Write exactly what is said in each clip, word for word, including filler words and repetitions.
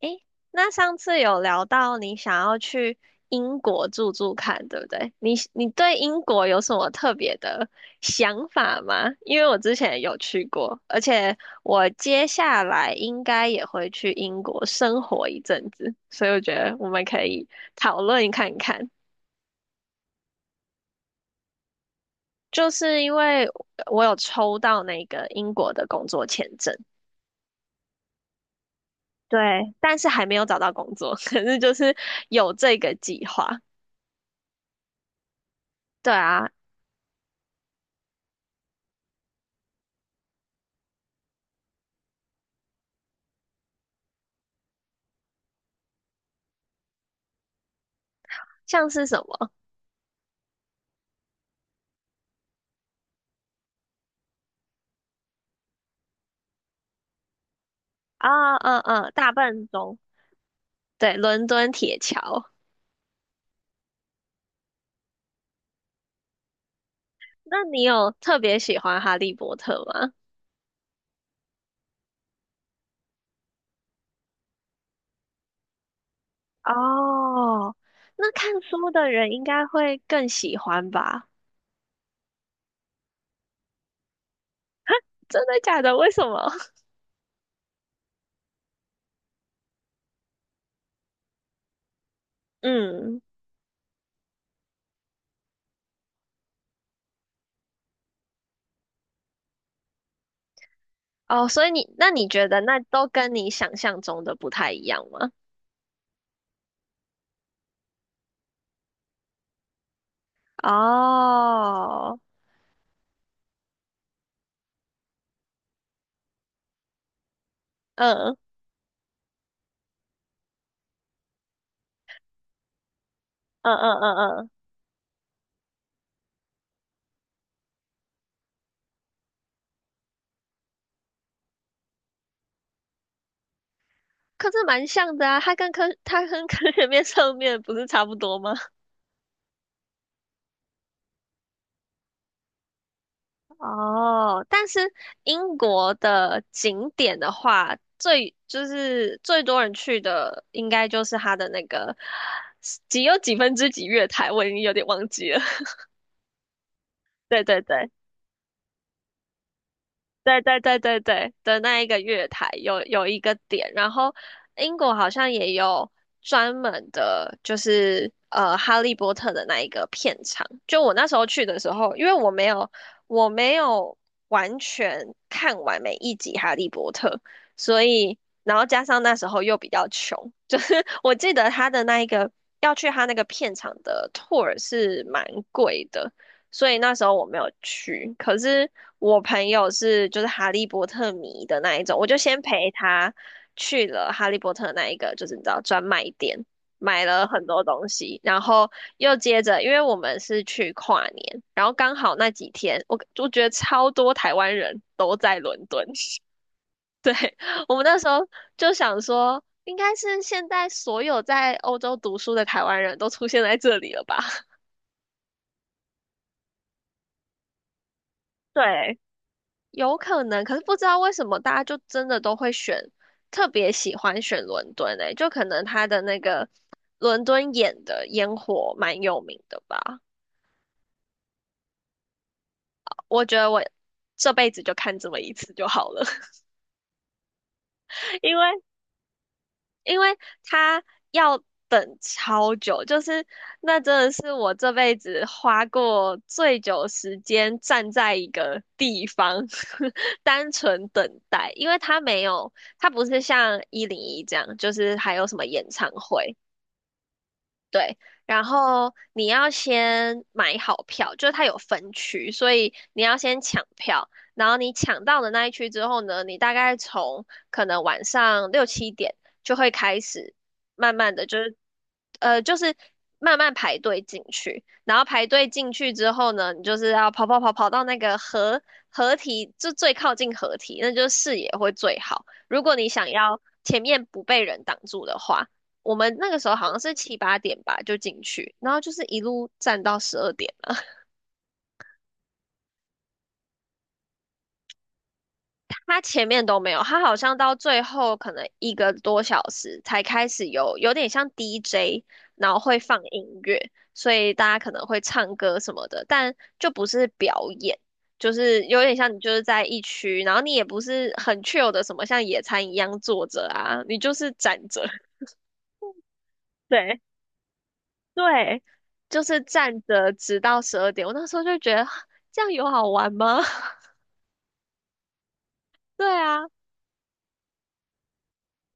诶，那上次有聊到你想要去英国住住看，对不对？你你对英国有什么特别的想法吗？因为我之前有去过，而且我接下来应该也会去英国生活一阵子，所以我觉得我们可以讨论看看。就是因为我有抽到那个英国的工作签证，对，但是还没有找到工作，可是就是有这个计划。对啊，像是什么？啊，嗯嗯，大笨钟，对，伦敦铁桥。那你有特别喜欢《哈利波特》吗？哦，那看书的人应该会更喜欢吧？真的假的？为什么？嗯，哦，所以你，那你觉得那都跟你想象中的不太一样吗？哦，嗯嗯嗯嗯嗯，可是蛮像的啊，他跟科，他跟科学面上面不是差不多吗？哦，但是英国的景点的话，最就是最多人去的，应该就是它的那个几有几分之几月台，我已经有点忘记了。对对对。对对对对对的那一个月台有有一个点，然后英国好像也有专门的，就是呃《哈利波特》的那一个片场。就我那时候去的时候，因为我没有我没有完全看完每一集《哈利波特》，所以然后加上那时候又比较穷，就是 我记得他的那一个要去他那个片场的 tour 是蛮贵的。所以那时候我没有去。可是我朋友是就是哈利波特迷的那一种，我就先陪他去了哈利波特那一个，就是你知道专卖店，买了很多东西，然后又接着，因为我们是去跨年，然后刚好那几天，我我觉得超多台湾人都在伦敦，我们那时候就想说。应该是现在所有在欧洲读书的台湾人都出现在这里了吧？对，有可能，可是不知道为什么大家就真的都会选，特别喜欢选伦敦诶、就可能他的那个伦敦眼的烟火蛮有名的吧。我觉得我这辈子就看这么一次就好了，因为因为他要等超久，就是那真的是我这辈子花过最久时间站在一个地方，单纯等待，因为他没有，他不是像一零一这样，就是还有什么演唱会，对，然后你要先买好票，就是它有分区，所以你要先抢票。然后你抢到的那一区之后呢，你大概从可能晚上六七点就会开始，慢慢的就是，呃，就是慢慢排队进去。然后排队进去之后呢，你就是要跑跑跑跑到那个合合体，就最靠近合体，那就是视野会最好。如果你想要前面不被人挡住的话。我们那个时候好像是七八点吧就进去，然后就是一路站到十二点了。他前面都没有，他好像到最后可能一个多小时才开始有，有点像 D J，然后会放音乐，所以大家可能会唱歌什么的，但就不是表演，就是有点像你就是在一区，然后你也不是很 chill 的什么像野餐一样坐着啊，你就是站着。对，对，就是站着直到十二点。我那时候就觉得 这样有好玩吗？对啊，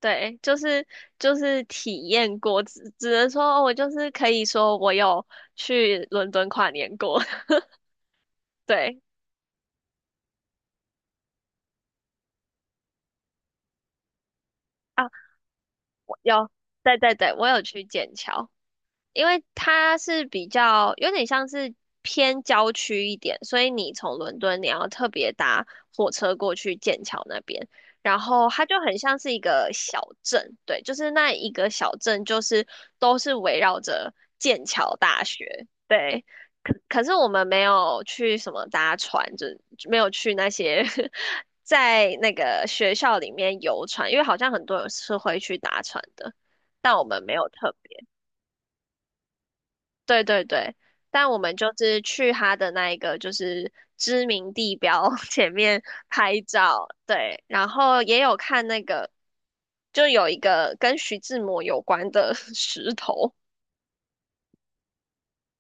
对，就是就是体验过，只只能说哦我就是可以说我有去伦敦跨年过。对啊，我有，对对对，我有去剑桥。因为它是比较有点像是偏郊区一点，所以你从伦敦你要特别搭火车过去剑桥那边，然后它就很像是一个小镇，对，就是那一个小镇就是都是围绕着剑桥大学，对。可可是我们没有去什么搭船，就就没有去那些 在那个学校里面游船，因为好像很多人是会去搭船的，但我们没有特别。对对对，但我们就是去他的那一个就是知名地标 前面拍照，对，然后也有看那个，就有一个跟徐志摩有关的 石头，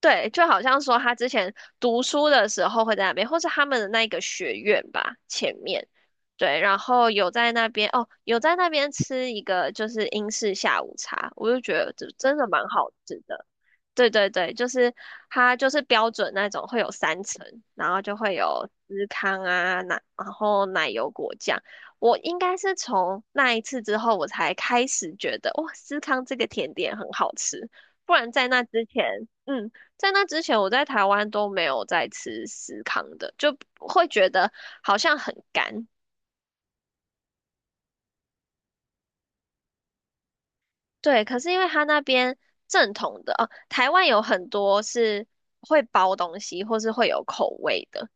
对，就好像说他之前读书的时候会在那边，或是他们的那一个学院吧，前面，对，然后有在那边哦，有在那边吃一个就是英式下午茶，我就觉得这真的蛮好吃的。对对对，就是它就是标准那种会有三层，然后就会有司康啊奶，然后奶油果酱。我应该是从那一次之后，我才开始觉得哇，司康这个甜点很好吃，不然在那之前，嗯。在那之前，我在台湾都没有在吃司康的，就会觉得好像很干。对，可是因为它那边正统的哦，台湾有很多是会包东西或是会有口味的，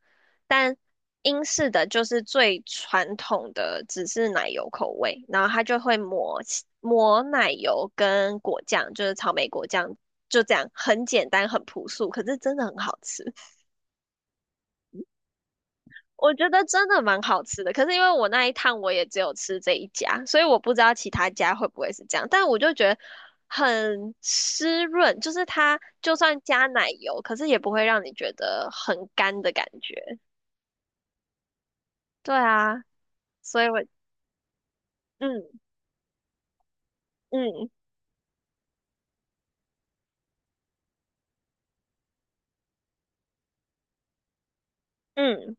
但英式的就是最传统的，只是奶油口味，然后它就会抹抹奶油跟果酱，就是草莓果酱，就这样，很简单很朴素，可是真的很好吃。我觉得真的蛮好吃的，可是因为我那一趟我也只有吃这一家，所以我不知道其他家会不会是这样。但我就觉得很湿润，就是它就算加奶油，可是也不会让你觉得很干的感觉。对啊，所以我嗯嗯嗯，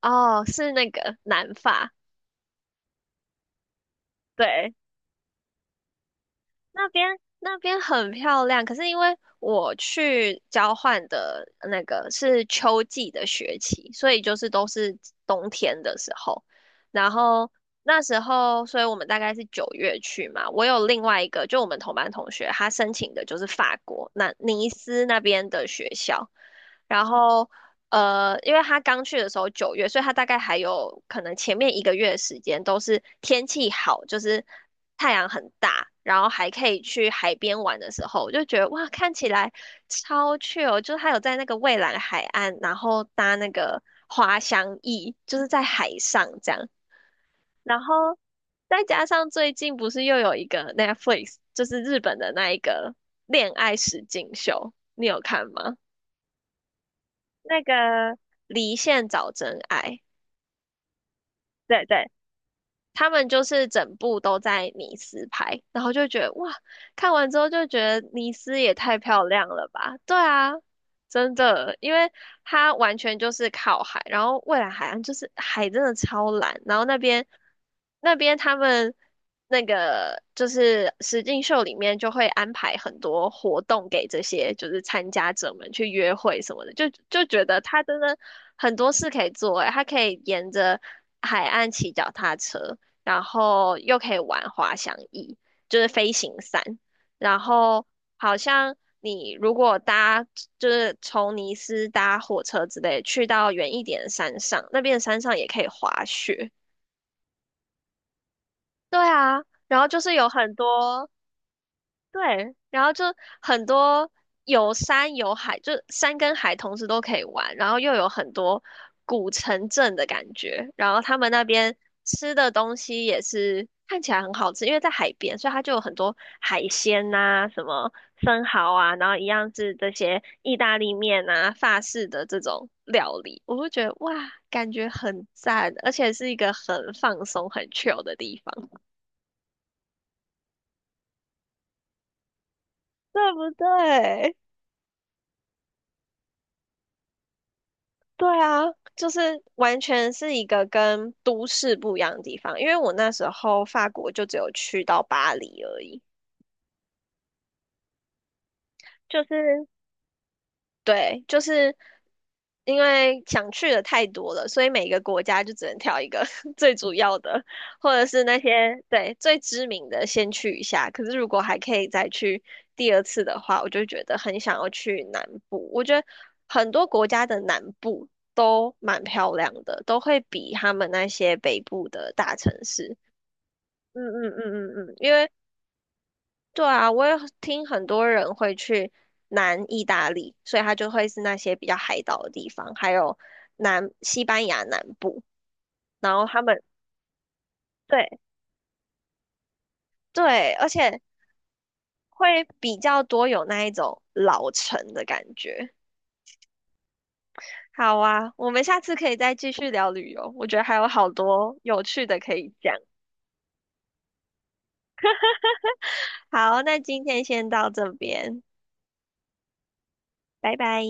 哦，是那个南法，对。那边那边很漂亮，可是因为我去交换的那个是秋季的学期，所以就是都是冬天的时候。然后那时候，所以我们大概是九月去嘛。我有另外一个，就我们同班同学，他申请的就是法国那尼斯那边的学校。然后呃，因为他刚去的时候九月，所以他大概还有可能前面一个月的时间都是天气好，就是太阳很大，然后还可以去海边玩的时候，我就觉得哇，看起来超 chill，就是他有在那个蔚蓝海岸，然后搭那个滑翔翼，就是在海上这样，然后再加上最近不是又有一个 Netflix，就是日本的那一个恋爱实境秀，你有看吗？那个离线找真爱，对对他们就是整部都在尼斯拍，然后就觉得哇，看完之后就觉得尼斯也太漂亮了吧？对啊，真的，因为它完全就是靠海，然后蔚蓝海岸就是海真的超蓝，然后那边那边他们那个就是实境秀里面就会安排很多活动给这些就是参加者们去约会什么的，就就觉得它真的很多事可以做，欸，它可以沿着海岸骑脚踏车。然后又可以玩滑翔翼，就是飞行伞。然后好像你如果搭就是从尼斯搭火车之类去到远一点的山上，那边的山上也可以滑雪。对啊，然后就是有很多对，然后就很多有山有海，就山跟海同时都可以玩，然后又有很多古城镇的感觉，然后他们那边吃的东西也是看起来很好吃，因为在海边，所以它就有很多海鲜呐、什么生蚝啊，然后一样是这些意大利面啊、法式的这种料理，我会觉得哇，感觉很赞，而且是一个很放松、很 chill 的地方，对不对？对啊，就是完全是一个跟都市不一样的地方。因为我那时候法国就只有去到巴黎而已，就是对，就是因为想去的太多了，所以每个国家就只能挑一个 最主要的，或者是那些对最知名的先去一下。可是如果还可以再去第二次的话，我就觉得很想要去南部。我觉得很多国家的南部都蛮漂亮的，都会比他们那些北部的大城市。嗯嗯嗯嗯嗯，因为对啊，我也听很多人会去南意大利，所以它就会是那些比较海岛的地方，还有南西班牙南部，然后他们对对，而且会比较多有那一种老城的感觉。好啊，我们下次可以再继续聊旅游，我觉得还有好多有趣的可以讲。好，那今天先到这边，拜拜。